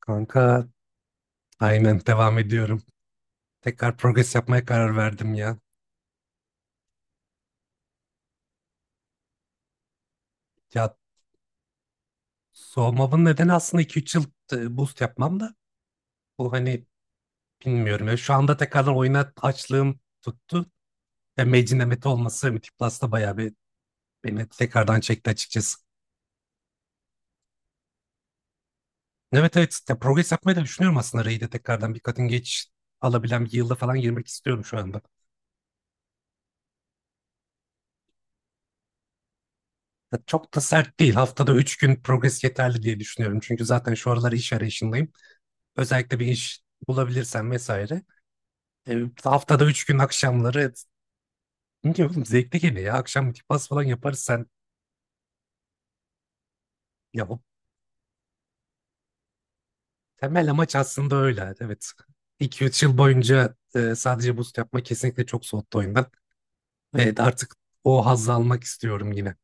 Kanka aynen devam ediyorum. Tekrar progres yapmaya karar verdim ya. Ya, soğumamın nedeni aslında iki üç yıl, boost yapmam da bu hani bilmiyorum. Ya, şu anda tekrardan oyuna açlığım tuttu. Ve Mage'in emeti olması Mythic Plus'ta bayağı bir beni tekrardan çekti açıkçası. Evet evet ya, progres yapmayı da düşünüyorum aslında. Raid'e tekrardan bir kadın geç alabilen bir yılda falan girmek istiyorum şu anda. Ya, çok da sert değil. Haftada 3 gün progres yeterli diye düşünüyorum. Çünkü zaten şu aralar iş arayışındayım. Özellikle bir iş bulabilirsen vesaire. E, Haftada 3 gün akşamları ne diyor oğlum, zevkli geliyor ya. Akşam multipass falan yaparız sen. Ya, bu temel amaç aslında öyle. Evet. iki üç yıl boyunca sadece boost yapma kesinlikle çok soğuttu oyundan. Evet, artık o hazzı almak istiyorum yine.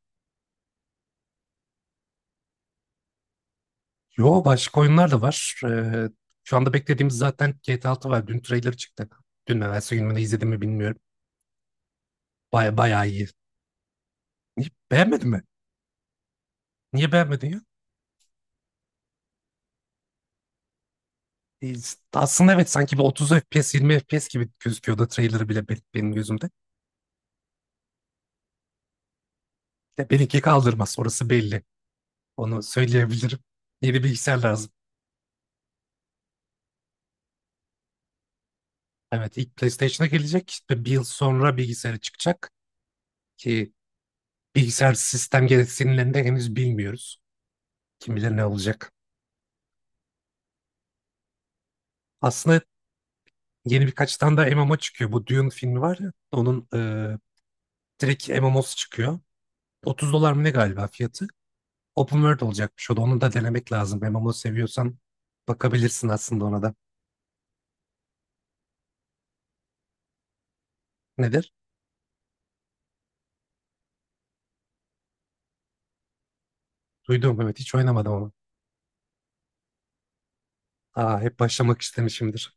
Yo, başka oyunlar da var. Şu anda beklediğimiz zaten GTA 6 var. Dün trailer çıktı. Dün mü, evvelsi gün mü, ne izledim mi bilmiyorum. Bayağı iyi. Beğenmedin mi? Niye beğenmedin? E, Aslında evet, sanki bir 30 FPS, 20 FPS gibi gözüküyordu trailer'ı bile benim gözümde. De benimki kaldırmaz, orası belli. Onu söyleyebilirim. Yeni bilgisayar lazım. Evet, ilk PlayStation'a gelecek. İşte bir yıl sonra bilgisayara çıkacak. Ki bilgisayar sistem gereksinimlerini de henüz bilmiyoruz. Kim bilir ne olacak. Aslında yeni birkaç tane daha MMO çıkıyor. Bu Dune filmi var ya, onun direkt MMO'su çıkıyor. 30 dolar mı ne galiba fiyatı? Open World olacakmış o da. Onu da denemek lazım. MMO seviyorsan bakabilirsin aslında ona da. Nedir? Duydum evet, hiç oynamadım ama. Aa, hep başlamak istemişimdir.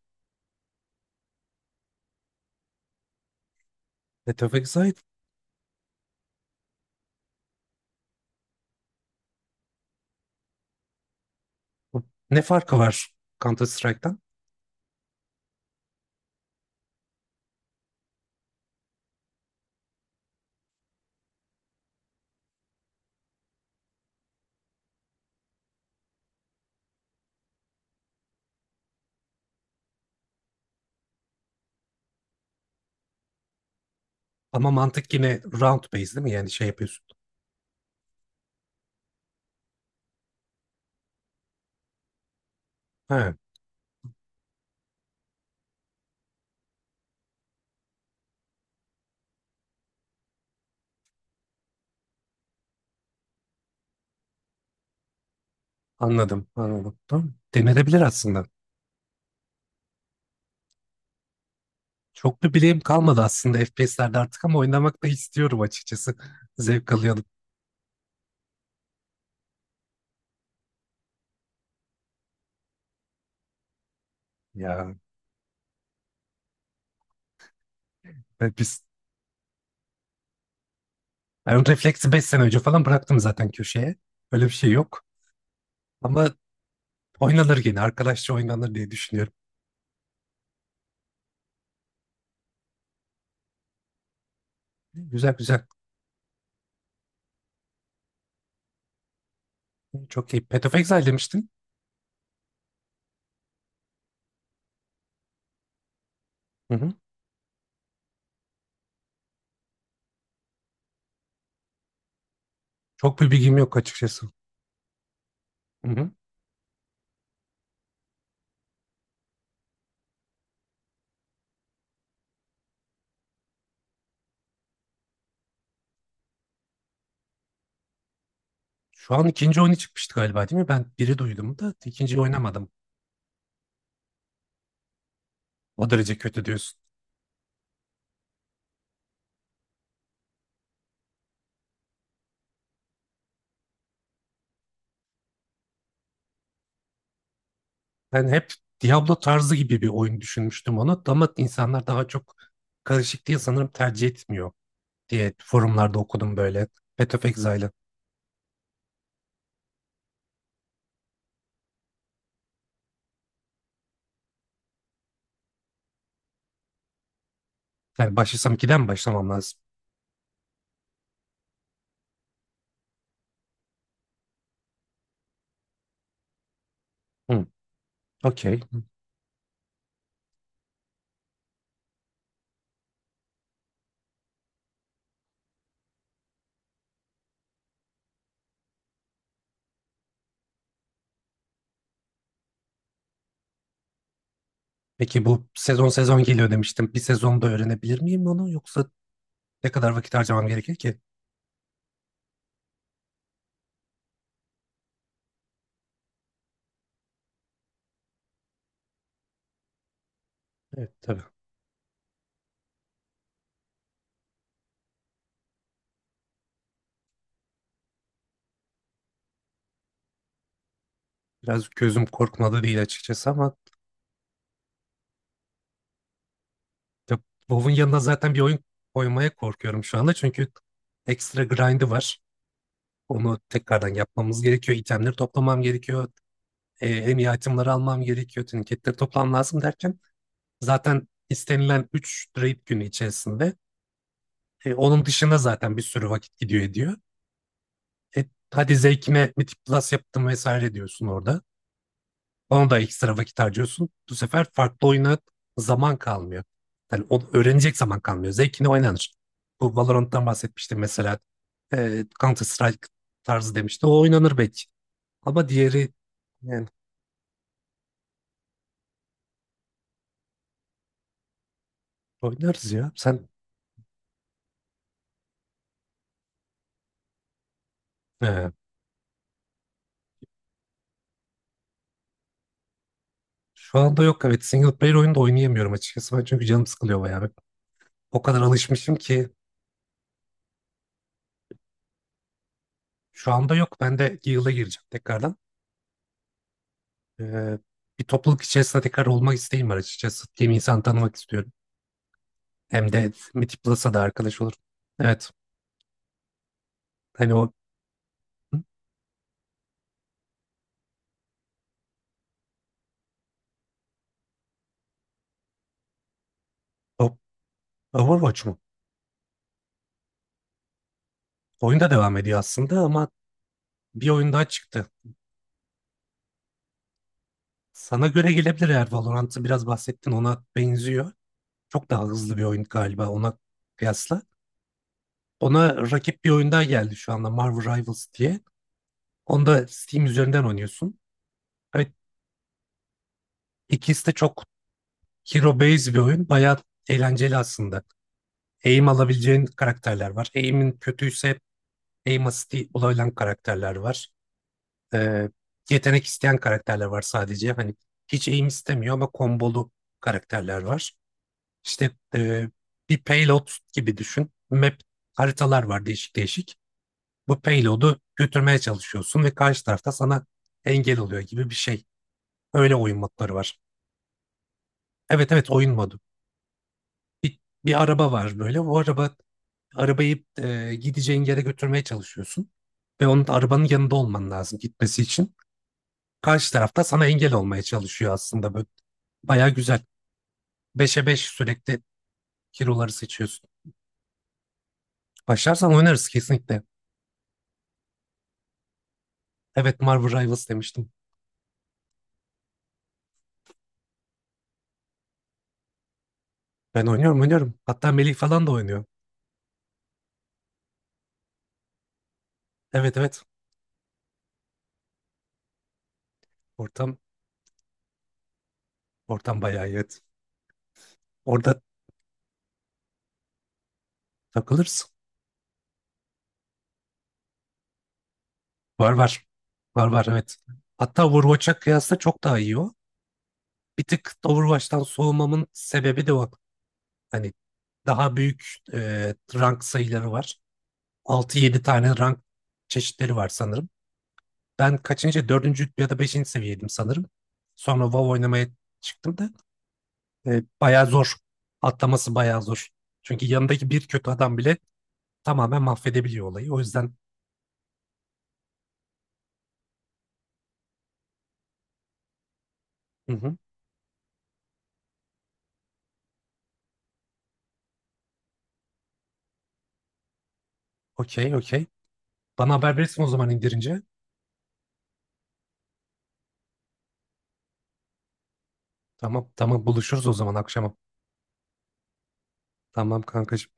Path of Exile. Bu Ne farkı var Counter Strike'tan? Ama mantık yine round based değil mi? Yani şey yapıyorsun. He. Anladım, anladım. Tamam. Denenebilir aslında. Çok bir bileğim kalmadı aslında FPS'lerde artık, ama oynamak da istiyorum açıkçası. Zevk alıyorum. Ya, ben biz ben refleksi 5 sene önce falan bıraktım zaten köşeye. Öyle bir şey yok. Ama oynanır yine. Arkadaşça oynanır diye düşünüyorum. Güzel güzel. Çok iyi. Path of Exile demiştin. Hı hı. Çok bir bilgim yok açıkçası. Hı hı. Şu an ikinci oyunu çıkmıştı galiba değil mi? Ben biri duydum da ikinciyi oynamadım. O derece kötü diyorsun. Ben hep Diablo tarzı gibi bir oyun düşünmüştüm onu, ama insanlar daha çok karışık diye sanırım tercih etmiyor diye forumlarda okudum böyle. Path of Exile'ı. Yani başlasam 2'den mi başlamam lazım? Hı, okey. Peki bu sezon sezon geliyor demiştim. Bir sezonda öğrenebilir miyim onu, yoksa ne kadar vakit harcamam gerekir ki? Evet, tabii. Biraz gözüm korkmadı değil açıkçası ama, ya, WoW'un yanına zaten bir oyun koymaya korkuyorum şu anda çünkü ekstra grind'i var. Onu tekrardan yapmamız gerekiyor. İtemleri toplamam gerekiyor. En iyi itemleri almam gerekiyor. Tüniketleri toplam lazım derken zaten istenilen 3 raid günü içerisinde, onun dışında zaten bir sürü vakit gidiyor ediyor. E, Hadi zevkime Mythic Plus yaptım vesaire diyorsun orada. Ona da ekstra vakit harcıyorsun. Bu sefer farklı oyuna zaman kalmıyor. Yani onu öğrenecek zaman kalmıyor. Zevkine oynanır. Bu Valorant'tan bahsetmiştim mesela. Counter Strike tarzı demişti. O oynanır belki. Ama diğeri, yani oynarız ya. Sen... e, şu anda yok. Evet, single player oyunu da oynayamıyorum açıkçası. Ben çünkü canım sıkılıyor bayağı. Ben o kadar alışmışım ki şu anda yok. Ben de yıla gireceğim tekrardan. E, Bir topluluk içerisinde tekrar olmak isteğim var açıkçası. Hem insan tanımak istiyorum. Hem de Mythic Plus'a da arkadaş olur. Evet. Hani o... Hı? O- Overwatch mu? Oyunda devam ediyor aslında, ama... Bir oyun daha çıktı. Sana göre gelebilir, eğer Valorant'ı biraz bahsettin ona benziyor. Çok daha hızlı bir oyun galiba ona kıyasla. Ona rakip bir oyun daha geldi şu anda, Marvel Rivals diye. Onu da Steam üzerinden oynuyorsun. Evet, ikisi de çok hero based bir oyun. Bayağı eğlenceli aslında. Aim alabileceğin karakterler var. Aim'in kötüyse aim assist'i olabilen karakterler var. Ee, Yetenek isteyen karakterler var sadece. Hani hiç aim istemiyor ama kombolu karakterler var. İşte bir payload gibi düşün. Haritalar var değişik değişik. Bu payload'u götürmeye çalışıyorsun ve karşı tarafta sana engel oluyor gibi bir şey. Öyle oyun modları var. Evet evet, oyun modu. Bir, bir araba var böyle. O araba Arabayı gideceğin yere götürmeye çalışıyorsun. Ve onun, arabanın yanında olman lazım gitmesi için. Karşı tarafta sana engel olmaya çalışıyor aslında. Böyle bayağı güzel. Beşe 5 sürekli hero'ları seçiyorsun. Başlarsan oynarız kesinlikle. Evet, Marvel Rivals demiştim. Ben oynuyorum oynuyorum. Hatta Melih falan da oynuyor. Evet evet. Ortam ortam bayağı iyi. Evet. Orada takılırsın. Var var. Var var, evet. Hatta Overwatch'a kıyasla çok daha iyi o. Bir tık da Overwatch'tan soğumamın sebebi de o. Hani daha büyük, rank sayıları var. Altı, yedi tane rank çeşitleri var sanırım. Ben kaçıncı? Dördüncü ya da beşinci seviyeydim sanırım. Sonra WoW oynamaya çıktım da... Bayağı zor. Atlaması bayağı zor. Çünkü yanındaki bir kötü adam bile tamamen mahvedebiliyor olayı. O yüzden... Hı hı, okey okey. Bana haber verirsin o zaman indirince. Tamam tamam, buluşuruz o zaman akşama. Tamam kankacığım.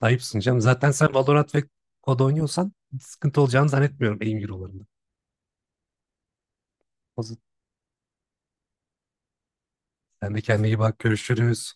Ayıpsın canım. Zaten sen Valorant ve COD oynuyorsan sıkıntı olacağını zannetmiyorum aim eurolarında. O zaman sen de kendine iyi bak. Görüşürüz.